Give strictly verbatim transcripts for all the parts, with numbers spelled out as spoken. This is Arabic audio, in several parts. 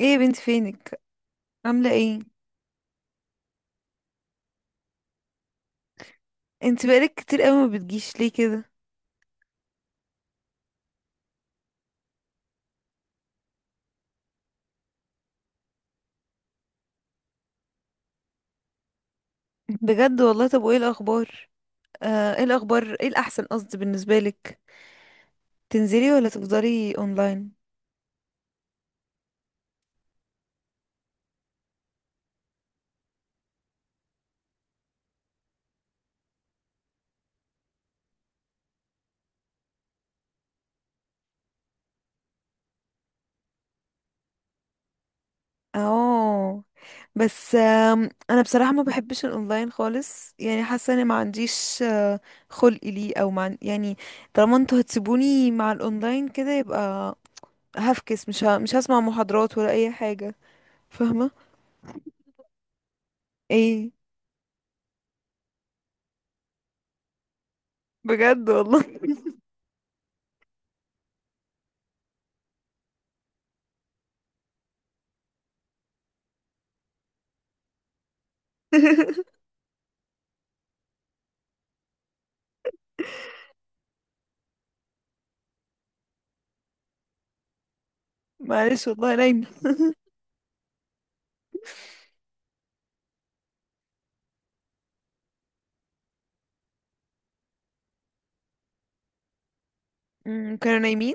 ايه يا بنت، فينك؟ عامله ايه؟ انت بقالك كتير قوي ما بتجيش ليه كده؟ بجد والله. طب وايه الاخبار؟ آه، ايه الاخبار، ايه الاحسن قصدي بالنسبه لك؟ تنزلي ولا تفضلي اونلاين؟ اه. بس آم، انا بصراحه ما بحبش الاونلاين خالص، يعني حاسه اني ما عنديش آه، خلق ليه او مع، يعني طالما انتوا هتسيبوني مع الاونلاين كده، يبقى هفكس، مش ه... مش هسمع محاضرات ولا اي حاجه. فاهمه؟ ايه؟ بجد والله. معلش والله، نايمة. أمم، كانوا نايمين.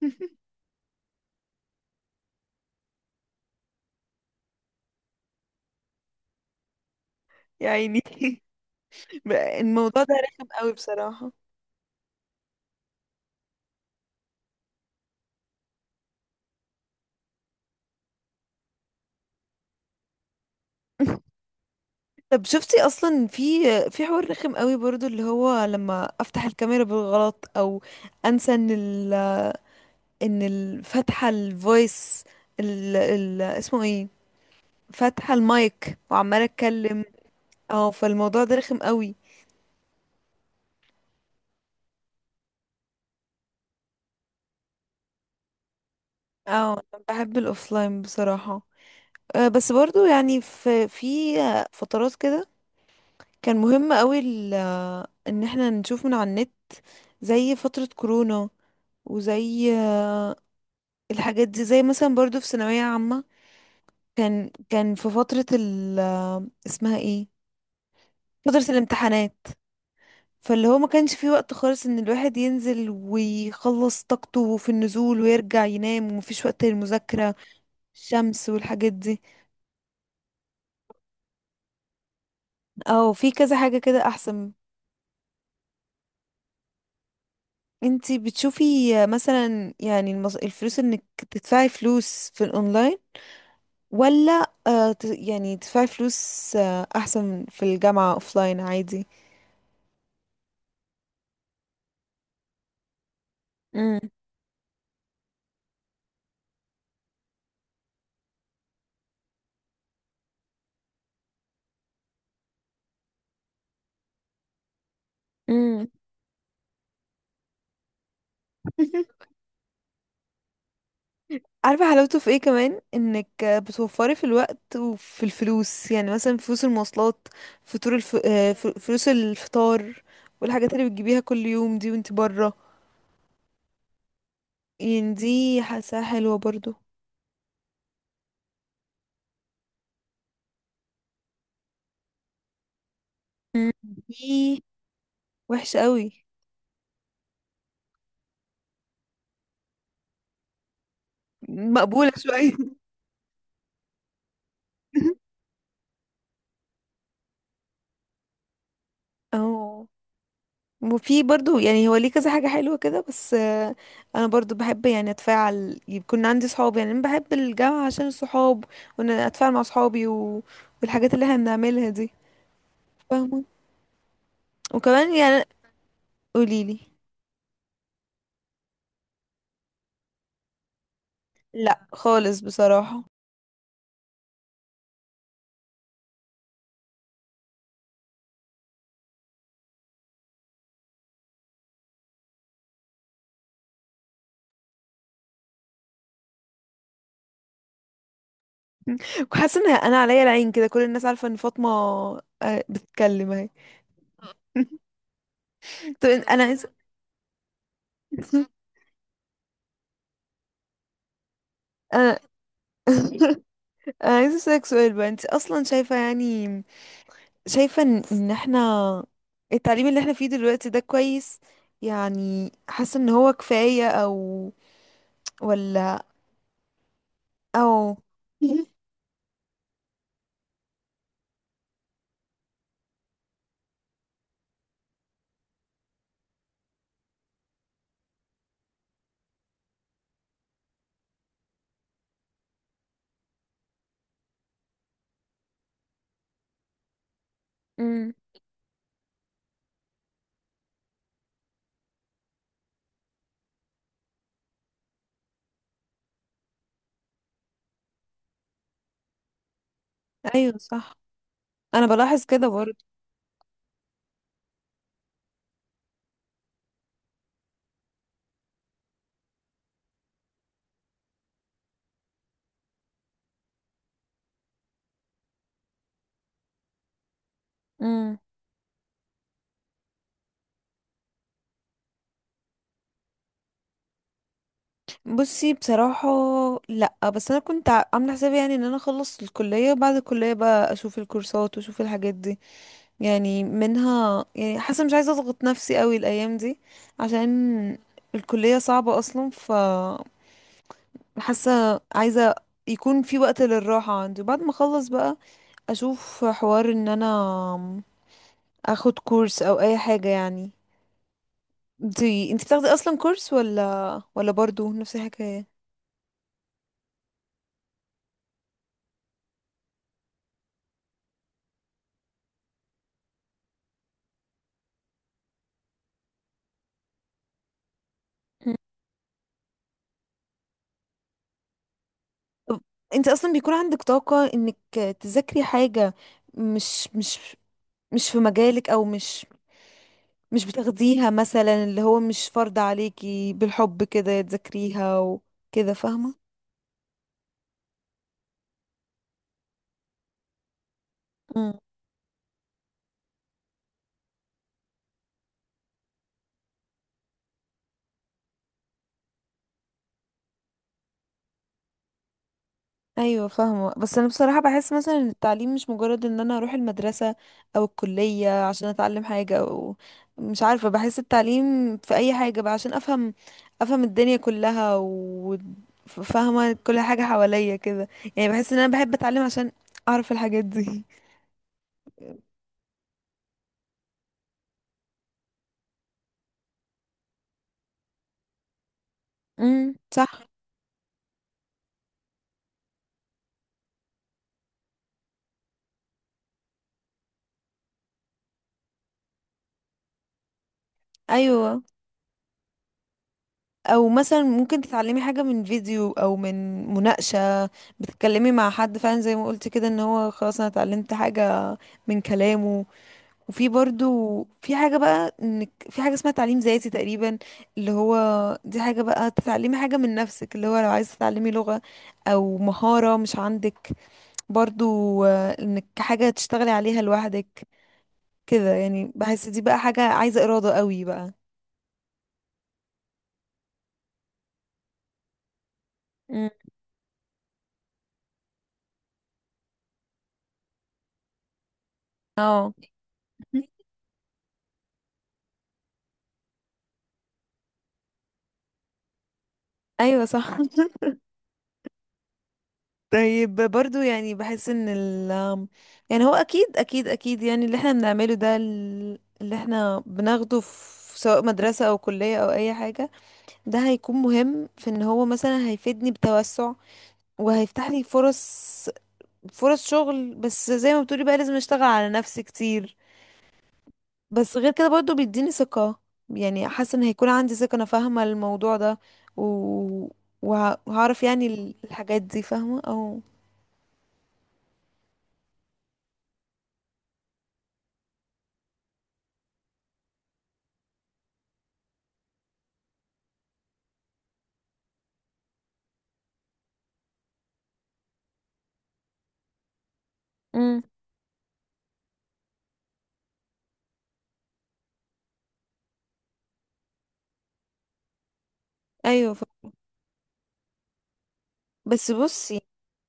يا عيني. بقى الموضوع ده رخم قوي بصراحة. طب شفتي اصلا؟ في في حوار رخم قوي برضو، اللي هو لما افتح الكاميرا بالغلط، او انسى ان ال ان ال- فاتحة الفويس. ال ال اسمه ايه، فاتحة المايك وعمالة اتكلم. اه، فالموضوع ده رخم قوي. اه، أنا بحب الاوفلاين بصراحة. آه، بس برضو يعني، في في فترات كده كان مهم قوي ال- ان احنا نشوف من على النت، زي فترة كورونا، وزي آه، الحاجات دي، زي مثلا برضو في ثانوية عامة، كان كان في فترة ال آه، اسمها ايه، فترة الامتحانات، فاللي هو ما كانش فيه وقت خالص ان الواحد ينزل ويخلص طاقته في النزول ويرجع ينام ومفيش وقت للمذاكرة. الشمس والحاجات دي. او في كذا حاجة كده احسن. انتي بتشوفي آه، مثلا يعني المص... الفلوس، انك تدفعي فلوس في الاونلاين، ولا آه ت- يعني تدفعي فلوس آه احسن في الجامعة اوفلاين عادي؟ امم. امم. عارفة حلاوته في ايه كمان؟ انك بتوفري في الوقت وفي الفلوس، يعني مثلا فلوس المواصلات، فطور الف... آه، ف- فلوس الفطار، والحاجات اللي بتجيبيها كل يوم دي وانت برا. يعني دي حاساها حلوة برضو. دي وحشة قوي. مقبولة شوية. اه، وفي برضو يعني هو ليه كذا حاجة حلوة كده، بس آه، انا برضو بحب يعني اتفاعل، يكون عندي صحاب، يعني انا بحب الجامعة عشان الصحاب، وان أنا اتفاعل مع صحابي و... والحاجات اللي احنا بنعملها دي. فاهمة؟ وكمان يعني، قوليلي. لا، خالص بصراحة. وحاسة ان انا عليا العين كده، كل الناس عارفة ان فاطمة آه، بتتكلم اهي. طب انا عايزة. انا. انا عايزة اسألك سؤال بقى. انت اصلا شايفة يعني، شايفة ان إن احنا التعليم اللي احنا فيه دلوقتي ده كويس؟ يعني حاسة ان هو كفاية، او ولا او؟ امم. ايوه، صح. انا بلاحظ كده برضه. امم. بصي بصراحة. لا، بس انا كنت ع- عاملة حسابي يعني ان انا اخلص الكلية، وبعد الكلية بقى اشوف الكورسات واشوف الحاجات دي. يعني منها يعني، حاسة مش عايزة اضغط نفسي قوي الايام دي، عشان الكلية صعبة اصلا، ف حاسه عايزه يكون في وقت للراحه عندي، وبعد ما اخلص بقى اشوف حوار ان انا اخد كورس او اي حاجه يعني. انتي انتي بتاخدي اصلا كورس، ولا ولا برضو نفس الحكايه؟ مم. طب انت اصلا بيكون عندك طاقه انك تذاكري حاجه مش مش مش في مجالك، او مش مش بتاخديها مثلا، اللي هو مش فرض عليكي بالحب كده تذاكريها وكده، فاهمه؟ ايوه فاهمه. بس انا بصراحه بحس مثلا ان التعليم مش مجرد ان انا اروح المدرسه او الكليه عشان اتعلم حاجه، او مش عارفه، بحس التعليم في اي حاجه بقى عشان افهم افهم الدنيا كلها وفاهمه كل حاجه حواليا كده. يعني بحس ان انا بحب اتعلم عشان اعرف الحاجات دي. امم، صح. ايوه. او مثلا ممكن تتعلمي حاجه من فيديو او من مناقشه، بتتكلمي مع حد فعلا، زي ما قلت كده، ان هو خلاص انا اتعلمت حاجه من كلامه. وفي برضو في حاجة بقى، انك في حاجة اسمها تعليم ذاتي تقريبا، اللي هو دي حاجة بقى، تتعلمي حاجة من نفسك، اللي هو لو عايزة تتعلمي لغة او مهارة مش عندك، برضو آه، انك حاجة تشتغلي عليها لوحدك، كده يعني، بحس دي بقى حاجة عايزة إرادة قوي بقى. مم. اه. ايوه صح. طيب برضو يعني بحس ان ال، يعني هو اكيد اكيد اكيد، يعني اللي احنا بنعمله ده ال- اللي احنا بناخده في سواء مدرسة او كلية او اي حاجة، ده هيكون مهم في ان هو مثلا هيفيدني بتوسع، وهيفتح لي فرص فرص شغل. بس زي ما بتقولي بقى لازم اشتغل على نفسي كتير. بس غير كده برضو بيديني ثقة، يعني حاسة ان هيكون عندي ثقة، انا فاهمة الموضوع ده و... وه- وهعرف يعني ال- الحاجات دي، فاهمة؟ او امم. ايوه. ف... بس بصي،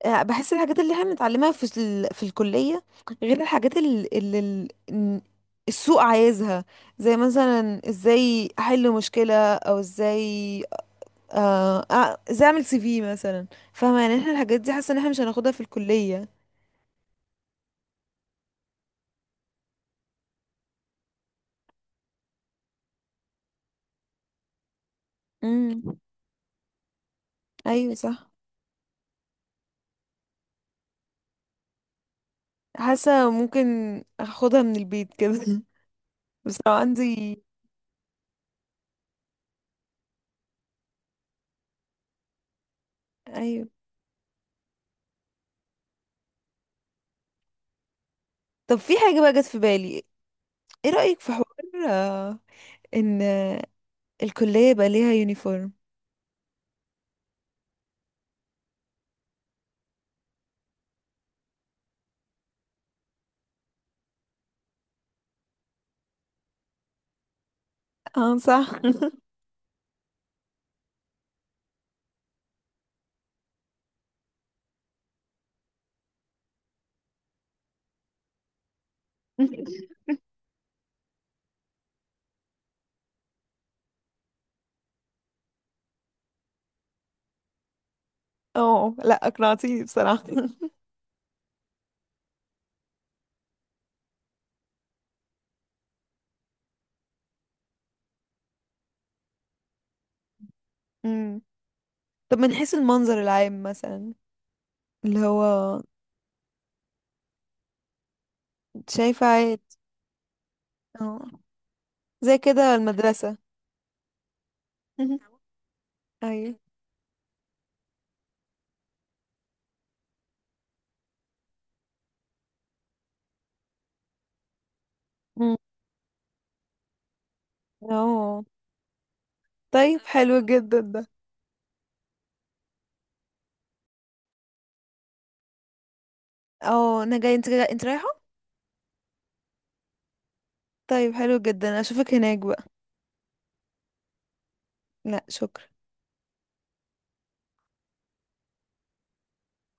آه، بحس الحاجات اللي احنا بنتعلمها في ال... في الكلية غير الحاجات اللي, اللي ال- إن السوق عايزها، زي مثلا ازاي احل مشكلة، او ازاي آه... آه، ازاي اعمل سي في مثلا. فاهمة يعني؟ احنا الحاجات دي حاسة ان احنا مش هناخدها في الكلية. امم. ايوه صح. حاسة ممكن اخدها من البيت كده. بس لو عندي ايوه. طب في حاجة بقى جت في بالي. ايه رأيك في حوار آه، ان الكلية يبقى ليها يونيفورم؟ اه صح. اه، لا اقنعتيني بصراحة. مم. طب من حيث المنظر العام مثلا، اللي هو شايفة عيد؟ اه. زي كده المدرسة. مهم. ايوه. مم. اه. طيب حلو جدا ده. اه انا جاي، انت جاي، انت رايحة؟ طيب حلو جدا، اشوفك هناك بقى. لا، شكرا.